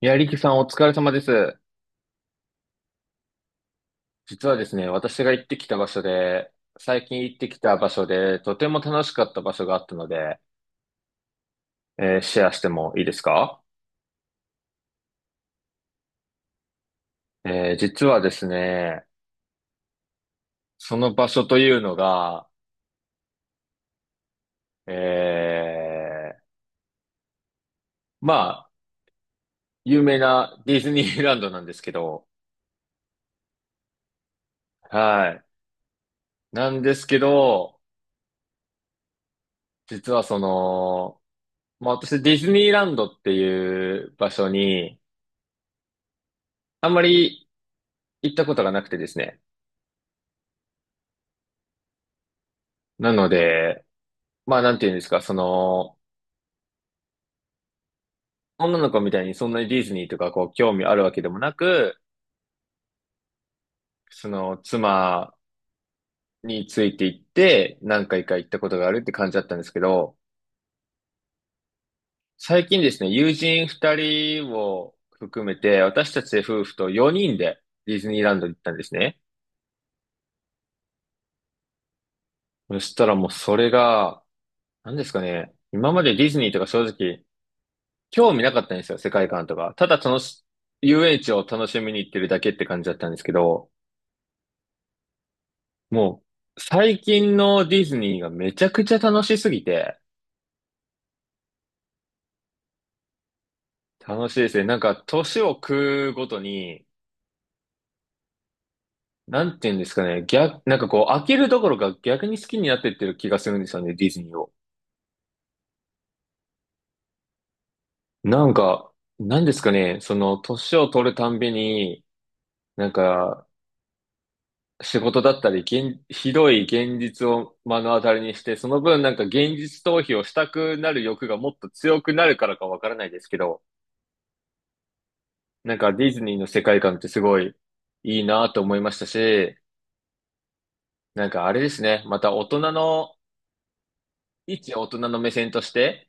いや、リキさんお疲れ様です。実はですね、私が行ってきた場所で、最近行ってきた場所で、とても楽しかった場所があったので、シェアしてもいいですか？実はですね、その場所というのが、えーまあ、有名なディズニーランドなんですけど、はい。なんですけど、実はまあ私ディズニーランドっていう場所に、あんまり行ったことがなくてですね。なので、まあ、なんていうんですか、女の子みたいにそんなにディズニーとかこう興味あるわけでもなく、妻について行って何回か行ったことがあるって感じだったんですけど、最近ですね、友人二人を含めて、私たち夫婦と四人でディズニーランドに行ったんですね。そしたらもうそれが、何ですかね、今までディズニーとか正直興味なかったんですよ、世界観とか。ただ遊園地を楽しみに行ってるだけって感じだったんですけど、もう、最近のディズニーがめちゃくちゃ楽しすぎて、楽しいですね。なんか、年を食うごとに、なんて言うんですかね、なんか飽きるどころか逆に好きになってってる気がするんですよね、ディズニーを。なんか、なんですかね、年を取るたんびに、なんか、仕事だったり、ひどい現実を目の当たりにして、その分なんか現実逃避をしたくなる欲がもっと強くなるからかわからないですけど、なんかディズニーの世界観ってすごいいいなと思いましたし、なんかあれですね、また大人の、一大人の目線として、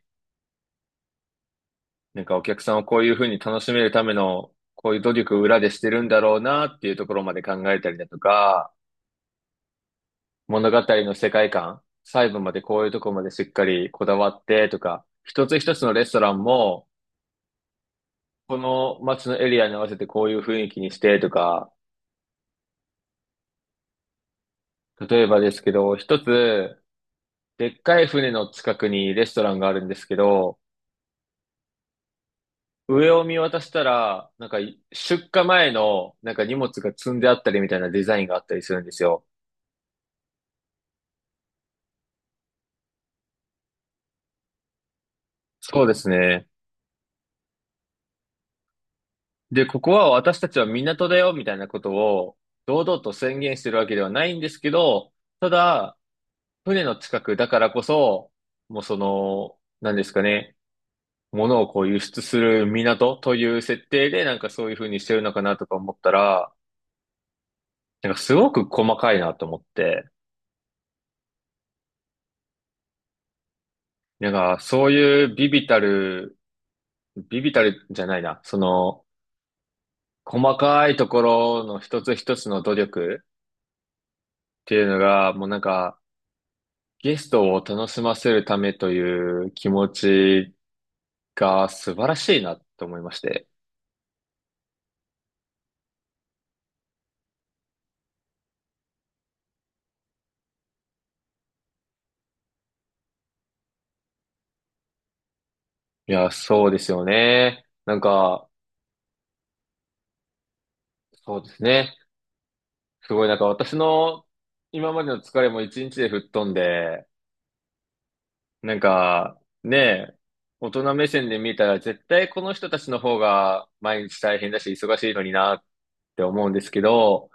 なんかお客さんをこういうふうに楽しめるための、こういう努力を裏でしてるんだろうなっていうところまで考えたりだとか、物語の世界観、細部までこういうところまでしっかりこだわってとか、一つ一つのレストランも、この街のエリアに合わせてこういう雰囲気にしてとか、例えばですけど、一つ、でっかい船の近くにレストランがあるんですけど、上を見渡したら、なんか出荷前のなんか荷物が積んであったりみたいなデザインがあったりするんですよ。そうですね。で、ここは私たちは港だよみたいなことを堂々と宣言してるわけではないんですけど、ただ、船の近くだからこそ、もうなんですかね、物をこう輸出する港という設定でなんかそういう風にしてるのかなとか思ったら、なんかすごく細かいなと思って、なんか、そういうビビたる、ビビたるじゃないな、その、細かいところの一つ一つの努力っていうのが、もうなんか、ゲストを楽しませるためという気持ちが素晴らしいなと思いまして。いや、そうですよね。なんか、そうですね。すごいなんか私の今までの疲れも一日で吹っ飛んで、なんか、ねえ、大人目線で見たら絶対この人たちの方が毎日大変だし忙しいのになって思うんですけど、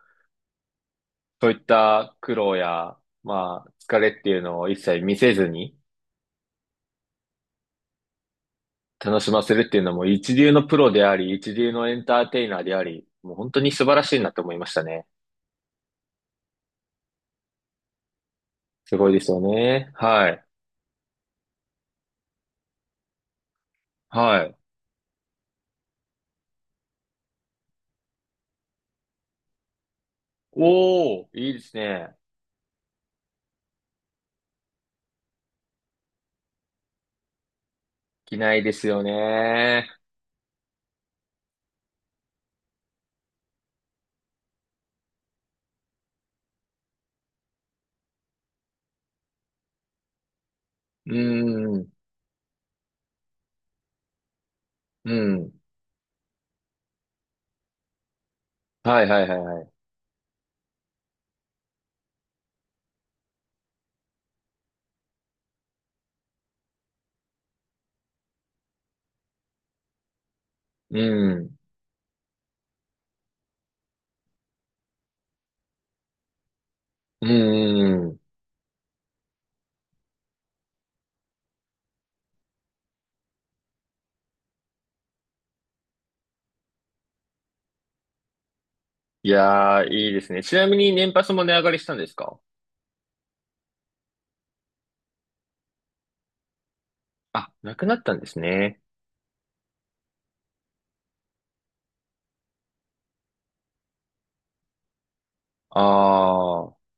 そういった苦労や、まあ、疲れっていうのを一切見せずに楽しませるっていうのも一流のプロであり、一流のエンターテイナーであり、もう本当に素晴らしいなと思いましたね。すごいですよね。はい。はい。おー、いいですね。着ないですよね。うん、うん。はいはいはいはい。うん。うーん。いやー、いいですね。ちなみに年パスも値上がりしたんですか？あ、なくなったんですね。ああ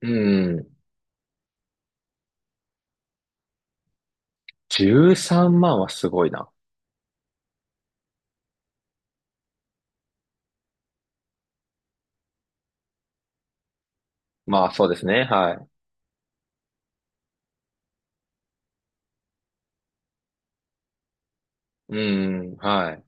うん。13万はすごいな。まあ、そうですね。はい。うん、はい。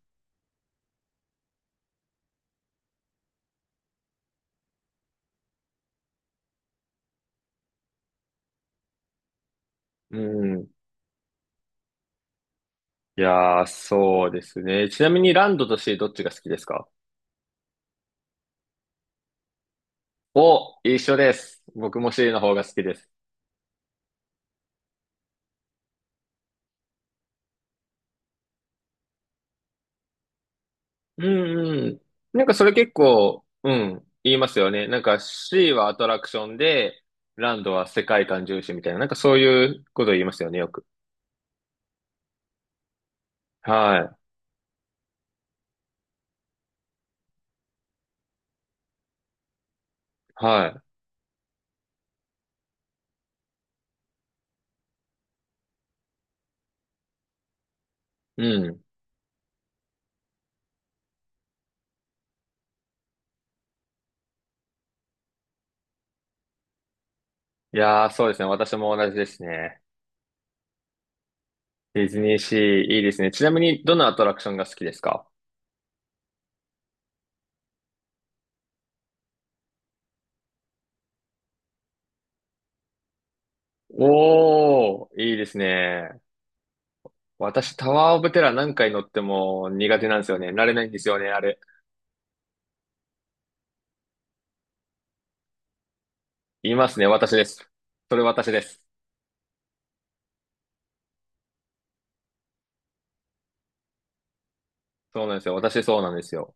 うん。いやー、そうですね。ちなみにランドとシーどっちが好きですか？お、一緒です。僕もシーの方が好きです。うんうん。なんかそれ結構、うん、言いますよね。なんか C はアトラクションで、ランドは世界観重視みたいな、なんかそういうこと言いますよね、よく。はい、はい。うん。いやー、そうですね。私も同じですね。ディズニーシー、いいですね。ちなみに、どのアトラクションが好きですか？おー、いいですね。私、タワーオブテラー何回乗っても苦手なんですよね。慣れないんですよね、あれ。いますね、私です。それ私です。そうなんですよ。私そうなんですよ。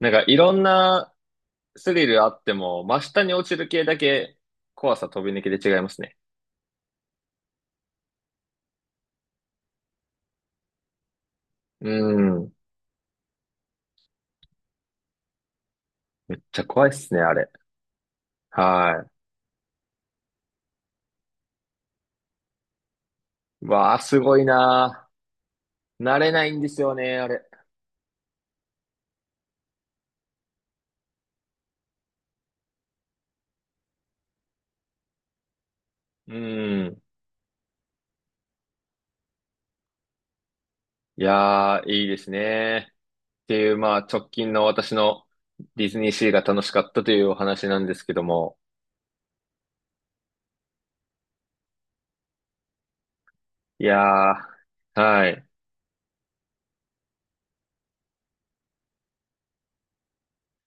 なんかいろんなスリルあっても、真下に落ちる系だけ怖さ飛び抜けで違いますね。うん。めっちゃ怖いっすね、あれ。はい。わあ、すごいなー。慣れないんですよね、あれ。うん。いやー、いいですね。っていう、まあ、直近の私のディズニーシーが楽しかったというお話なんですけども。いやー、はい。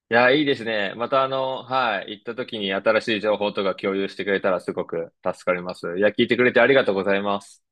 いや、いいですね。またはい、行った時に新しい情報とか共有してくれたらすごく助かります。いや、聞いてくれてありがとうございます。